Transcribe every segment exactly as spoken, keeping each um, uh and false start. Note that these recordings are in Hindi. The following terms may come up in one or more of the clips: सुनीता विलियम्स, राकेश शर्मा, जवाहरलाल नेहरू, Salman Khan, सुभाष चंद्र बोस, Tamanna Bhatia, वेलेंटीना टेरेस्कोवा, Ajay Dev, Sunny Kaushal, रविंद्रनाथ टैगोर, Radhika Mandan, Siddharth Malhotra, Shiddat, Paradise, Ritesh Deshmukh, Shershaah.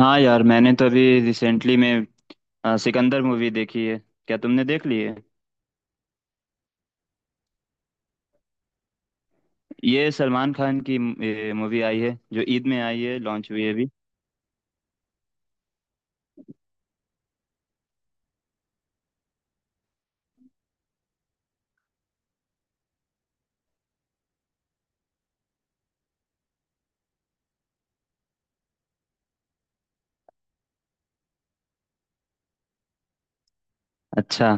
हाँ यार, मैंने तो अभी रिसेंटली में अ, सिकंदर मूवी देखी है। क्या तुमने देख ली है? ये सलमान खान की मूवी आई है, जो ईद में आई है, लॉन्च हुई है अभी। अच्छा।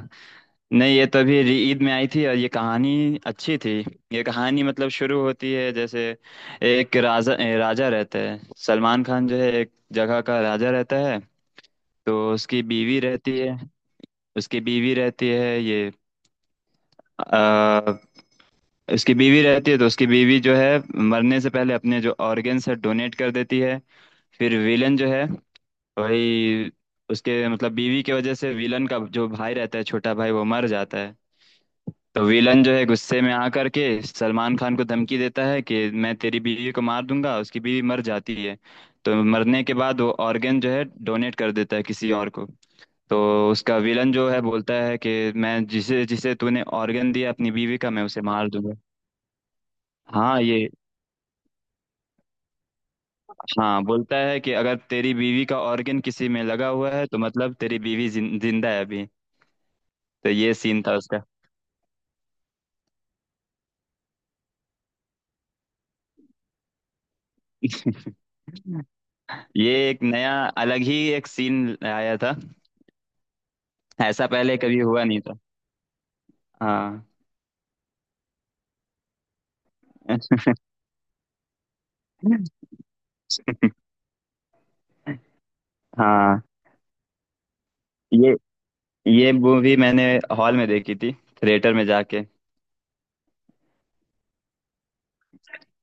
नहीं, ये तो अभी री- ईद में आई थी और ये कहानी अच्छी थी। ये कहानी मतलब शुरू होती है जैसे, एक राजा ए, राजा रहता है। सलमान खान जो है एक जगह का राजा रहता है, तो उसकी बीवी रहती है। उसकी बीवी रहती है ये। उसकी बीवी रहती है, तो उसकी बीवी जो है मरने से पहले अपने जो ऑर्गेन्स है डोनेट कर देती है। फिर विलन जो है वही, उसके मतलब बीवी की वजह से विलन का जो भाई रहता है छोटा भाई वो मर जाता है। तो विलन जो है गुस्से में आकर के सलमान खान को धमकी देता है कि मैं तेरी बीवी को मार दूंगा। उसकी बीवी मर जाती है। तो मरने के बाद वो ऑर्गेन जो है डोनेट कर देता है किसी और को। तो उसका विलन जो है बोलता है कि मैं जिसे जिसे तूने ऑर्गेन दिया अपनी बीवी का, मैं उसे मार दूंगा। हाँ ये। हाँ, बोलता है कि अगर तेरी बीवी का ऑर्गन किसी में लगा हुआ है तो मतलब तेरी बीवी जिन, जिंदा है अभी। तो ये सीन था उसका। ये एक नया अलग ही एक सीन आया था। ऐसा पहले कभी हुआ नहीं था। हाँ। हाँ, ये ये मूवी मैंने हॉल में देखी थी, थिएटर में जाके।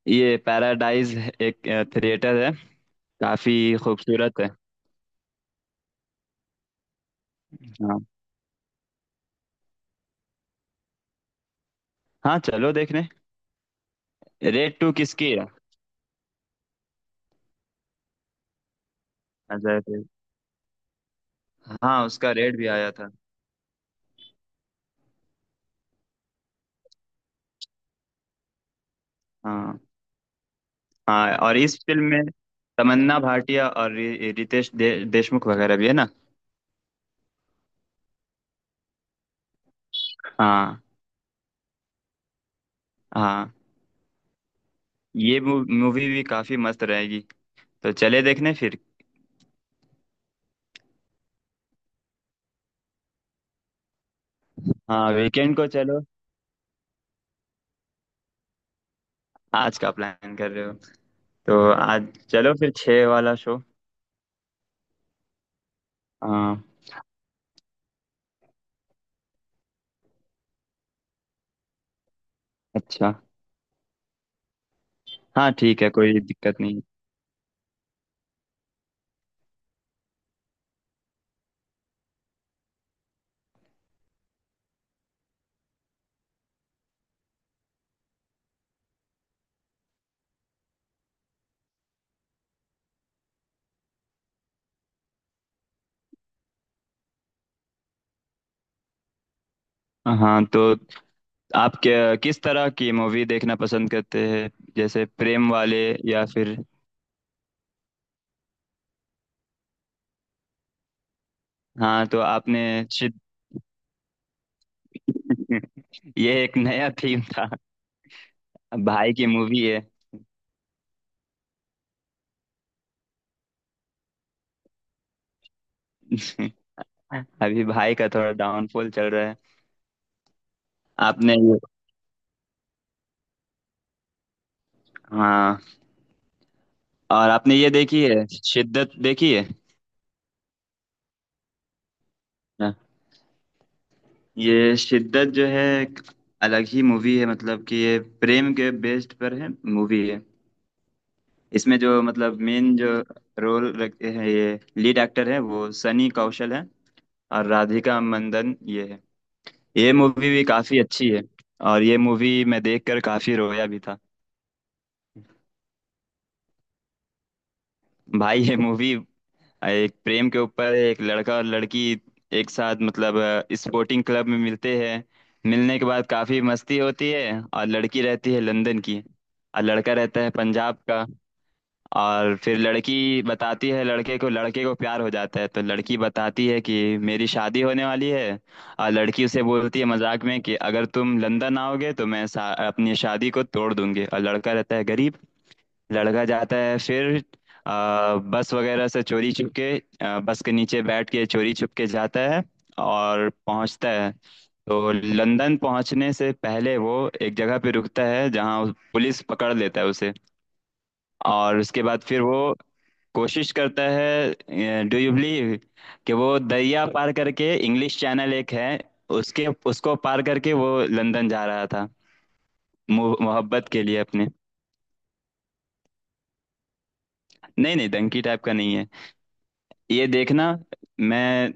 ये पैराडाइज एक थिएटर है, काफी खूबसूरत है। हाँ हाँ, चलो देखने। रेड टू किसकी है? अजय देव। हाँ, उसका रेड भी आया था। हाँ हाँ। और इस फिल्म में तमन्ना भाटिया और रि- रितेश दे, देशमुख वगैरह भी है ना। हाँ हाँ, ये मू- मूवी भी काफी मस्त रहेगी। तो चले देखने फिर। हाँ, वीकेंड को चलो। आज का प्लान कर रहे हो? तो आज चलो फिर छः वाला शो। हाँ अच्छा। हाँ ठीक है, कोई दिक्कत नहीं। हाँ तो आप क्या किस तरह की मूवी देखना पसंद करते हैं? जैसे प्रेम वाले, या फिर। हाँ तो आपने शिद-। ये एक नया थीम था। भाई की मूवी है। अभी भाई का थोड़ा डाउनफॉल चल रहा है। आपने ये हाँ, और आपने ये देखी है शिद्दत देखी है? हाँ। ये शिद्दत जो है एक अलग ही मूवी है, मतलब कि ये प्रेम के बेस्ड पर है। मूवी है। इसमें जो मतलब मेन जो रोल रखते हैं ये लीड एक्टर है, वो सनी कौशल है। और राधिका मंदन ये है। ये मूवी भी काफी अच्छी है, और ये मूवी मैं देखकर काफी रोया भी था। भाई, ये मूवी एक प्रेम के ऊपर है। एक लड़का और लड़की एक साथ मतलब स्पोर्टिंग क्लब में मिलते हैं। मिलने के बाद काफी मस्ती होती है, और लड़की रहती है लंदन की और लड़का रहता है पंजाब का। और फिर लड़की बताती है, लड़के को, लड़के को प्यार हो जाता है, तो लड़की बताती है कि मेरी शादी होने वाली है। और लड़की उसे बोलती है मजाक में कि अगर तुम लंदन आओगे तो मैं शा, अपनी शादी को तोड़ दूंगी, और लड़का रहता है गरीब। लड़का जाता है फिर, आ, बस वगैरह से चोरी छुप के, आ, बस के नीचे बैठ के चोरी छुप के जाता है और पहुंचता है। तो लंदन पहुंचने से पहले वो एक जगह पे रुकता है, जहां पुलिस पकड़ लेता है उसे। और उसके बाद फिर वो कोशिश करता है, डू यू बिलीव, कि वो दरिया पार करके, इंग्लिश चैनल एक है, उसके उसको पार करके वो लंदन जा रहा था। मु- मोहब्बत के लिए अपने। नहीं नहीं, डंकी टाइप का नहीं है। ये देखना। मैं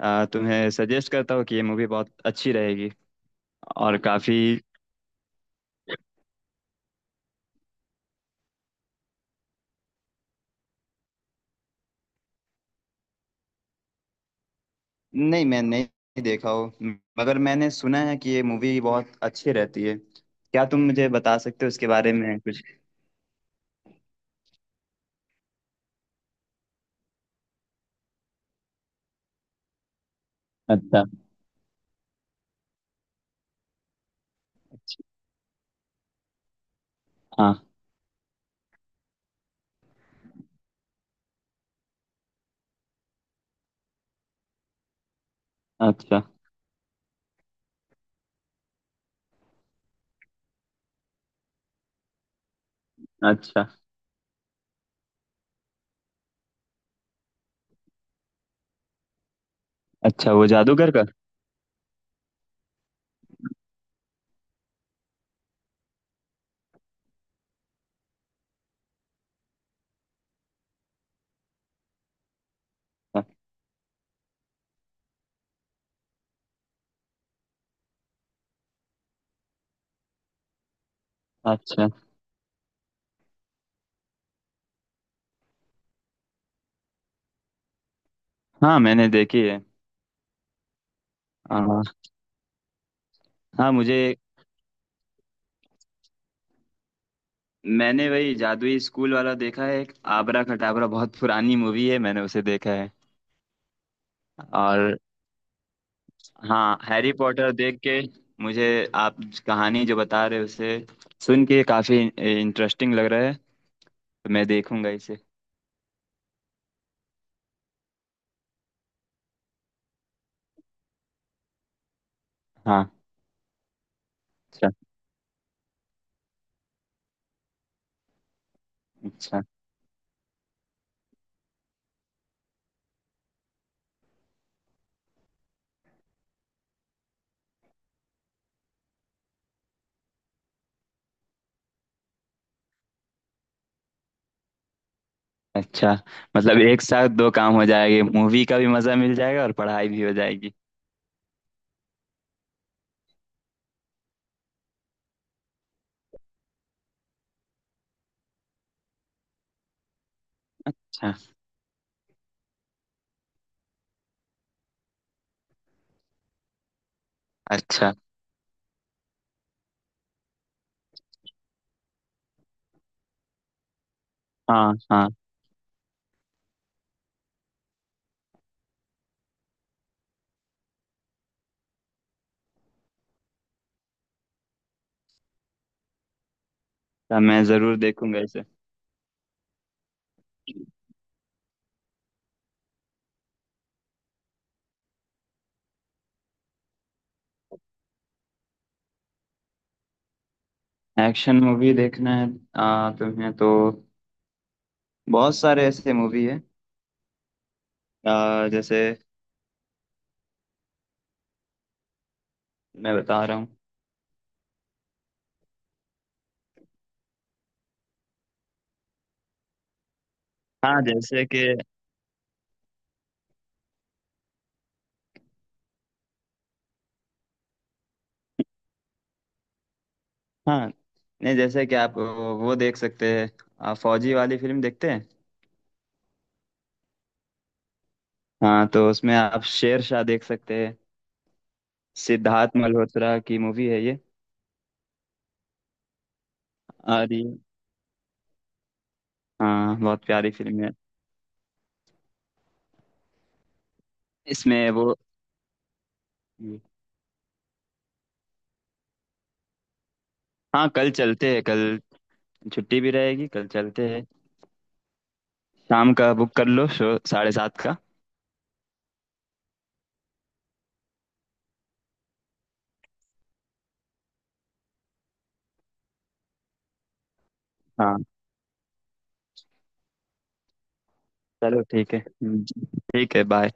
अ, तुम्हें सजेस्ट करता हूँ कि ये मूवी बहुत अच्छी रहेगी और काफी। नहीं, मैं नहीं देखा हो, मगर मैंने सुना है कि ये मूवी बहुत अच्छी रहती है। क्या तुम मुझे बता सकते हो इसके बारे में कुछ? अच्छा। हाँ अच्छा अच्छा अच्छा। वो जादूगर का? अच्छा। हाँ, मैंने देखी है। हाँ हाँ। मुझे मैंने वही जादुई स्कूल वाला देखा है, एक आबरा खटाबरा बहुत पुरानी मूवी है, मैंने उसे देखा है। और हाँ, हैरी पॉटर देख के मुझे, आप कहानी जो बता रहे हो उसे सुन के काफी इंटरेस्टिंग लग रहा है, तो मैं देखूंगा इसे। हाँ अच्छा अच्छा अच्छा। मतलब एक साथ दो काम हो जाएंगे, मूवी का भी मजा मिल जाएगा और पढ़ाई भी हो जाएगी। अच्छा अच्छा। हाँ हाँ, तो मैं जरूर देखूंगा इसे। एक्शन मूवी देखना है। आ, तुम्हें तो बहुत सारे ऐसे मूवी है, आ, जैसे। मैं बता रहा हूँ। हाँ जैसे कि। हाँ, नहीं, जैसे कि आप वो वो देख सकते हैं। आप फौजी वाली फिल्म देखते हैं। हाँ तो उसमें आप शेरशाह देख सकते हैं। सिद्धार्थ मल्होत्रा की मूवी है ये। और ये। हाँ, बहुत प्यारी फिल्म है। इसमें वो। हाँ कल चलते हैं, कल छुट्टी भी रहेगी, कल चलते हैं। शाम का बुक कर लो शो साढ़े सात का। हाँ चलो, ठीक है। हम्म, ठीक है, बाय।